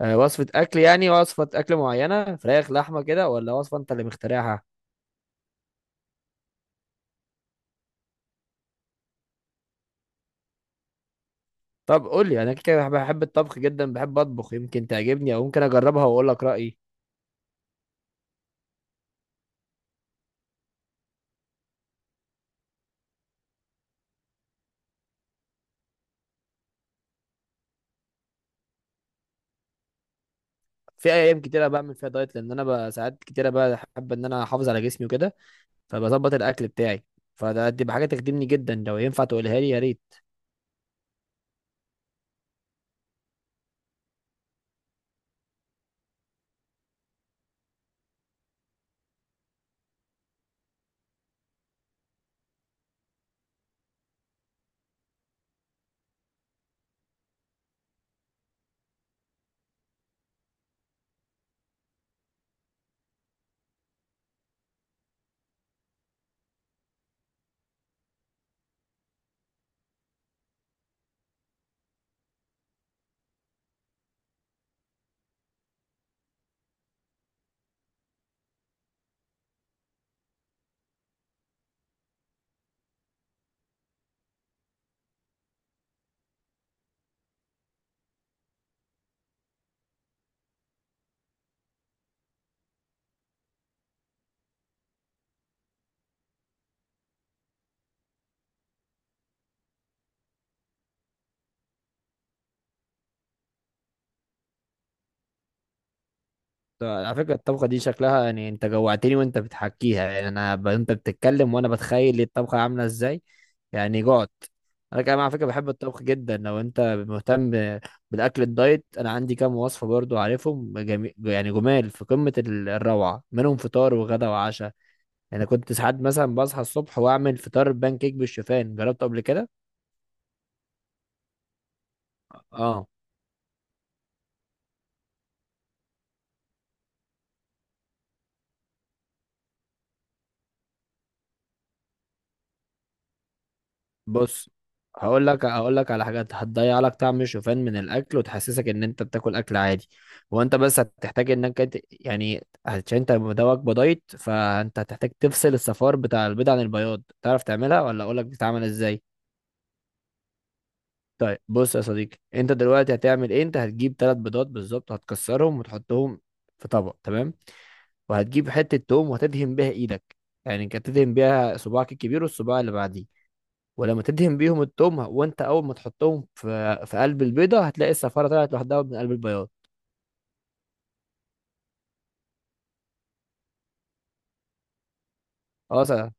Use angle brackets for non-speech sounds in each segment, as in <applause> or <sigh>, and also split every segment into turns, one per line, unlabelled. وصفة أكل يعني وصفة أكل معينة، فراخ لحمة كده ولا وصفة أنت اللي مخترعها؟ طب قول لي، أنا كده كده بحب الطبخ جدا، بحب أطبخ، يمكن تعجبني أو ممكن أجربها وأقول لك رأيي. في أيام كتيرة بعمل فيها دايت، لأن أنا بقى ساعات كتيرة بحب إن أنا أحافظ على جسمي وكده، فبظبط الأكل بتاعي. فده دي بحاجة تخدمني جدا، لو ينفع تقولها لي يا ريت. على فكرة الطبخة دي شكلها، يعني انت جوعتني وانت بتحكيها، يعني انت بتتكلم وانا بتخيل الطبخة عاملة ازاي، يعني جعت. انا كمان على فكرة بحب الطبخ جدا. لو انت مهتم بالاكل الدايت، انا عندي كام وصفة برضو عارفهم، يعني جمال في قمة الروعة، منهم فطار وغدا وعشاء. يعني كنت ساعات مثلا بصحى الصبح واعمل فطار بان كيك بالشوفان، جربته قبل كده. اه، بص، هقول لك على حاجات هتضيع لك طعم الشوفان من الاكل، وتحسسك ان انت بتاكل اكل عادي. هو انت بس هتحتاج يعني عشان انت مدوك بدايت، فانت هتحتاج تفصل الصفار بتاع البيض عن البياض. تعرف تعملها ولا اقول لك بتتعمل ازاي؟ طيب بص يا صديقي، انت دلوقتي هتعمل ايه؟ انت هتجيب ثلاث بيضات بالظبط، هتكسرهم وتحطهم في طبق، تمام. وهتجيب حتة توم وهتدهن بيها ايدك، يعني انت هتدهن بيها صباعك الكبير والصباع اللي بعديه. ولما تدهن بيهم التوم وانت اول ما تحطهم في قلب البيضه، هتلاقي الصفاره طلعت لوحدها من قلب البياض. خلاص. ما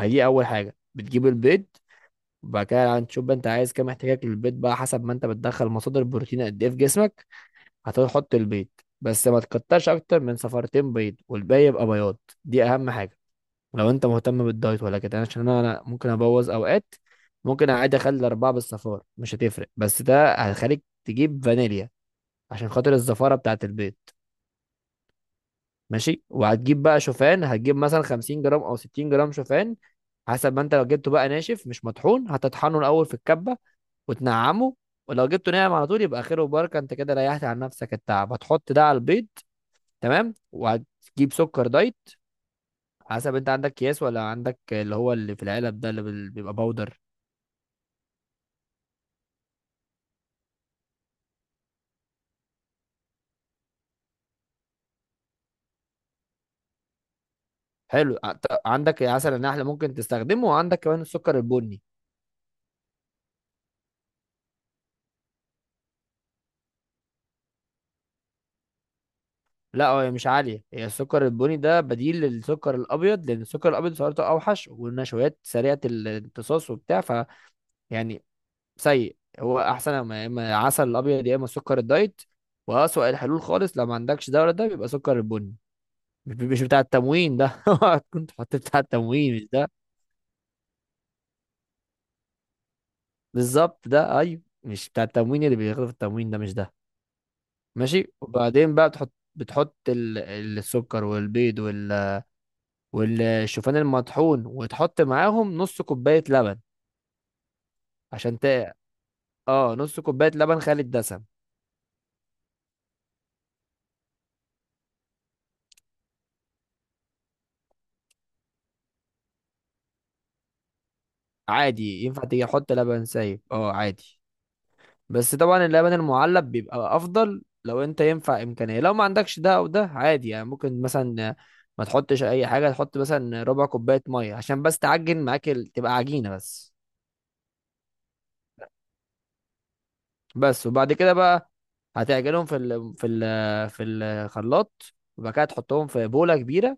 هي دي اول حاجه، بتجيب البيض. وبعد كده هتشوف بقى انت عايز كام، احتياجك للبيض بقى حسب ما انت بتدخل مصادر البروتين قد ايه في جسمك. هتحط البيض، بس ما تكترش اكتر من صفارتين بيض، والباقي يبقى بياض. دي اهم حاجه لو انت مهتم بالدايت ولا كده، عشان انا ممكن ابوظ اوقات. ممكن عادي اخلي الاربعه بالصفار، مش هتفرق، بس ده هيخليك تجيب فانيليا عشان خاطر الزفاره بتاعت البيض. ماشي. وهتجيب بقى شوفان، هتجيب مثلا 50 جرام او 60 جرام شوفان. حسب ما انت لو جبته بقى ناشف مش مطحون، هتطحنه الاول في الكبه وتنعمه. ولو جبته ناعم على طول يبقى خير وبركه، انت كده ريحت عن نفسك التعب. هتحط ده على البيض، تمام. وهتجيب سكر دايت، حسب انت عندك اكياس ولا عندك اللي هو اللي في العلب ده، اللي بيبقى باودر. حلو. عندك عسل النحل ممكن تستخدمه، وعندك كمان السكر البني. لا، هي مش عالية، هي السكر البني ده بديل للسكر الأبيض، لأن السكر الأبيض سعراته أوحش، والنشويات سريعة الامتصاص وبتاع، ف يعني سيء. هو أحسن يا إما عسل الأبيض يا إما السكر الدايت، وأسوأ الحلول خالص لو ما عندكش ده ولا ده، بيبقى سكر البني. مش بتاع التموين ده <laughs> اوعى كنت حطيت بتاع التموين، مش ده. بالظبط ده، أيوه، مش بتاع التموين اللي بياخده في التموين، ده مش ده. ماشي. وبعدين بقى بتحط السكر والبيض والشوفان المطحون، وتحط معاهم نص كوباية لبن. عشان ت... اه نص كوباية لبن خالي الدسم. عادي، ينفع تيجي تحط لبن سايب، اه عادي. بس طبعا اللبن المعلب بيبقى افضل، لو انت ينفع امكانية. لو ما عندكش ده او ده عادي، يعني ممكن مثلا ما تحطش اي حاجة، تحط مثلا ربع كوباية مية عشان بس تعجن معاك تبقى عجينة بس. بس. وبعد كده بقى هتعجنهم في الخلاط، وبعد كده تحطهم في بولة كبيرة.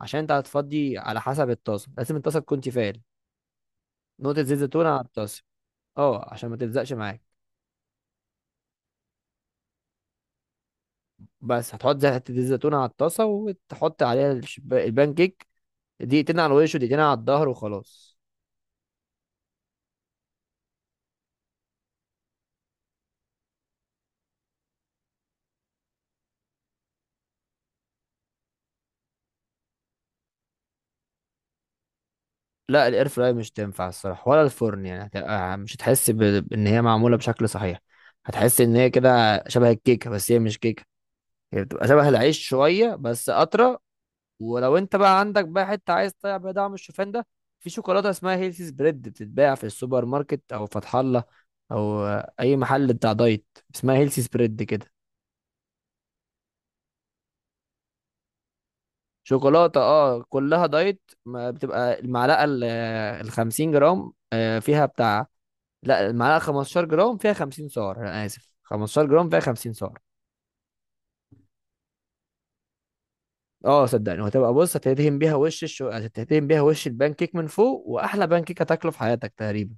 عشان انت هتفضي على حسب الطاسه، لازم الطاسه تكون تيفال. نقطه زيت زيتون على الطاسه، اه، عشان ما تلزقش معاك. بس هتحط حته زيت زيتون على الطاسه، وتحط عليها البان كيك، دقيقتين على الوش ودقيقتين على الظهر وخلاص. لا، الاير فراير مش تنفع الصراحه، ولا الفرن، يعني مش هتحس ان هي معموله بشكل صحيح. هتحس ان هي كده شبه الكيكه بس هي مش كيكه، هي بتبقى شبه العيش شويه بس اطرى. ولو انت بقى عندك بقى حته عايز تطلع بيها دعم الشوفان ده، في شوكولاته اسمها هيلثي سبريد، بتتباع في السوبر ماركت او فتح الله، او اي محل بتاع دايت، اسمها هيلثي سبريد كده. شوكولاته، اه، كلها دايت. ما بتبقى المعلقه ال 50 جرام فيها بتاع، لا، المعلقه 15 جرام فيها 50 سعر، انا اسف، 15 جرام فيها 50 سعر. اه صدقني، وهتبقى، بص، هتدهن بيها وش البان كيك من فوق، واحلى بان كيك هتاكله في حياتك تقريبا.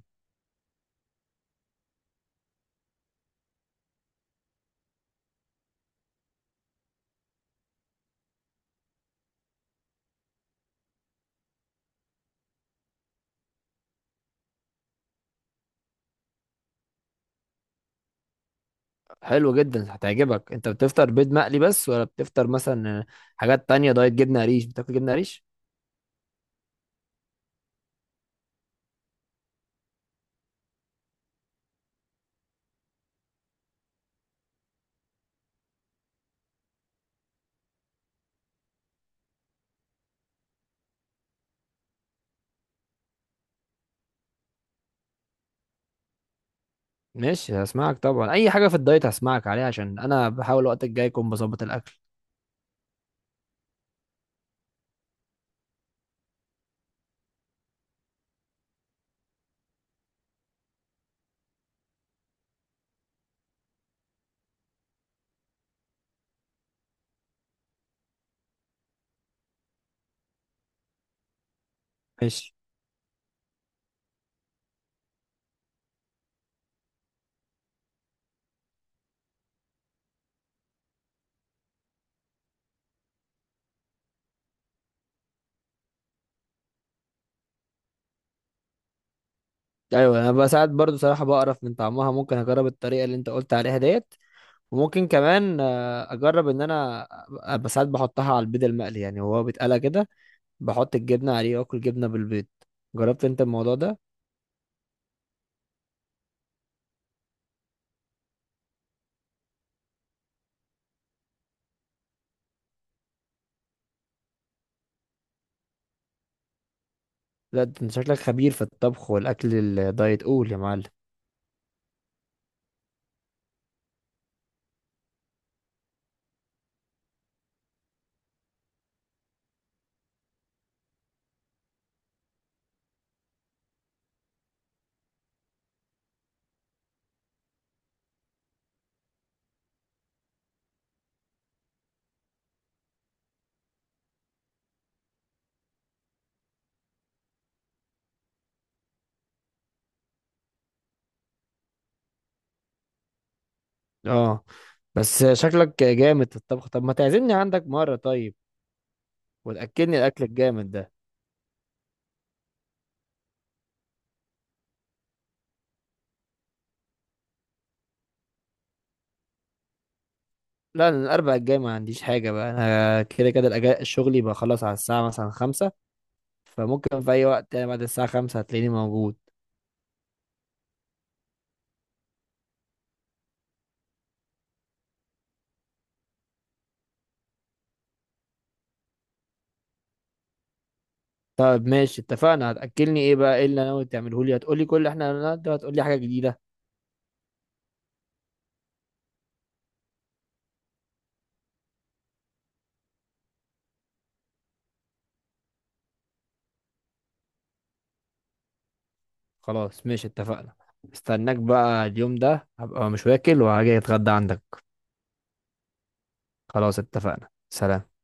حلو جدا، هتعجبك. انت بتفطر بيض مقلي بس، ولا بتفطر مثلا حاجات تانية دايت؟ جبنة قريش، بتاكل جبنة قريش؟ ماشي، هسمعك طبعا، اي حاجة في الدايت هسمعك عليها، عشان انا بحاول الوقت الجاي اكون بظبط الاكل. ماشي. ايوه، انا بساعات برضو صراحة بقرف من طعمها، ممكن اجرب الطريقة اللي انت قلت عليها ديت. وممكن كمان اجرب ان انا أبقى بساعات بحطها على البيض المقلي، يعني هو بيتقلى كده بحط الجبنة عليه، واكل جبنة بالبيض. جربت انت الموضوع ده؟ لا، ده انت شكلك خبير في الطبخ والاكل الدايت، قول يا معلم. اه. بس شكلك جامد في الطبخ، طب ما تعزمني عندك مرة طيب، وتأكلني الأكل الجامد ده. لا، أنا الأربع الجاي ما عنديش حاجة، بقى أنا كده كده الأجازة، الشغل يبقى خلاص على الساعة مثلا خمسة، فممكن في أي وقت، يعني بعد الساعة خمسة هتلاقيني موجود. طب ماشي، اتفقنا، هتأكلني إيه بقى؟ إيه اللي أنا ناوي تعمله لي، هتقولي كل اللي إحنا قلناه ده، وهتقولي حاجة جديدة؟ خلاص ماشي اتفقنا، استناك بقى، اليوم ده هبقى مش واكل، وهاجي أتغدى عندك. خلاص اتفقنا، سلام.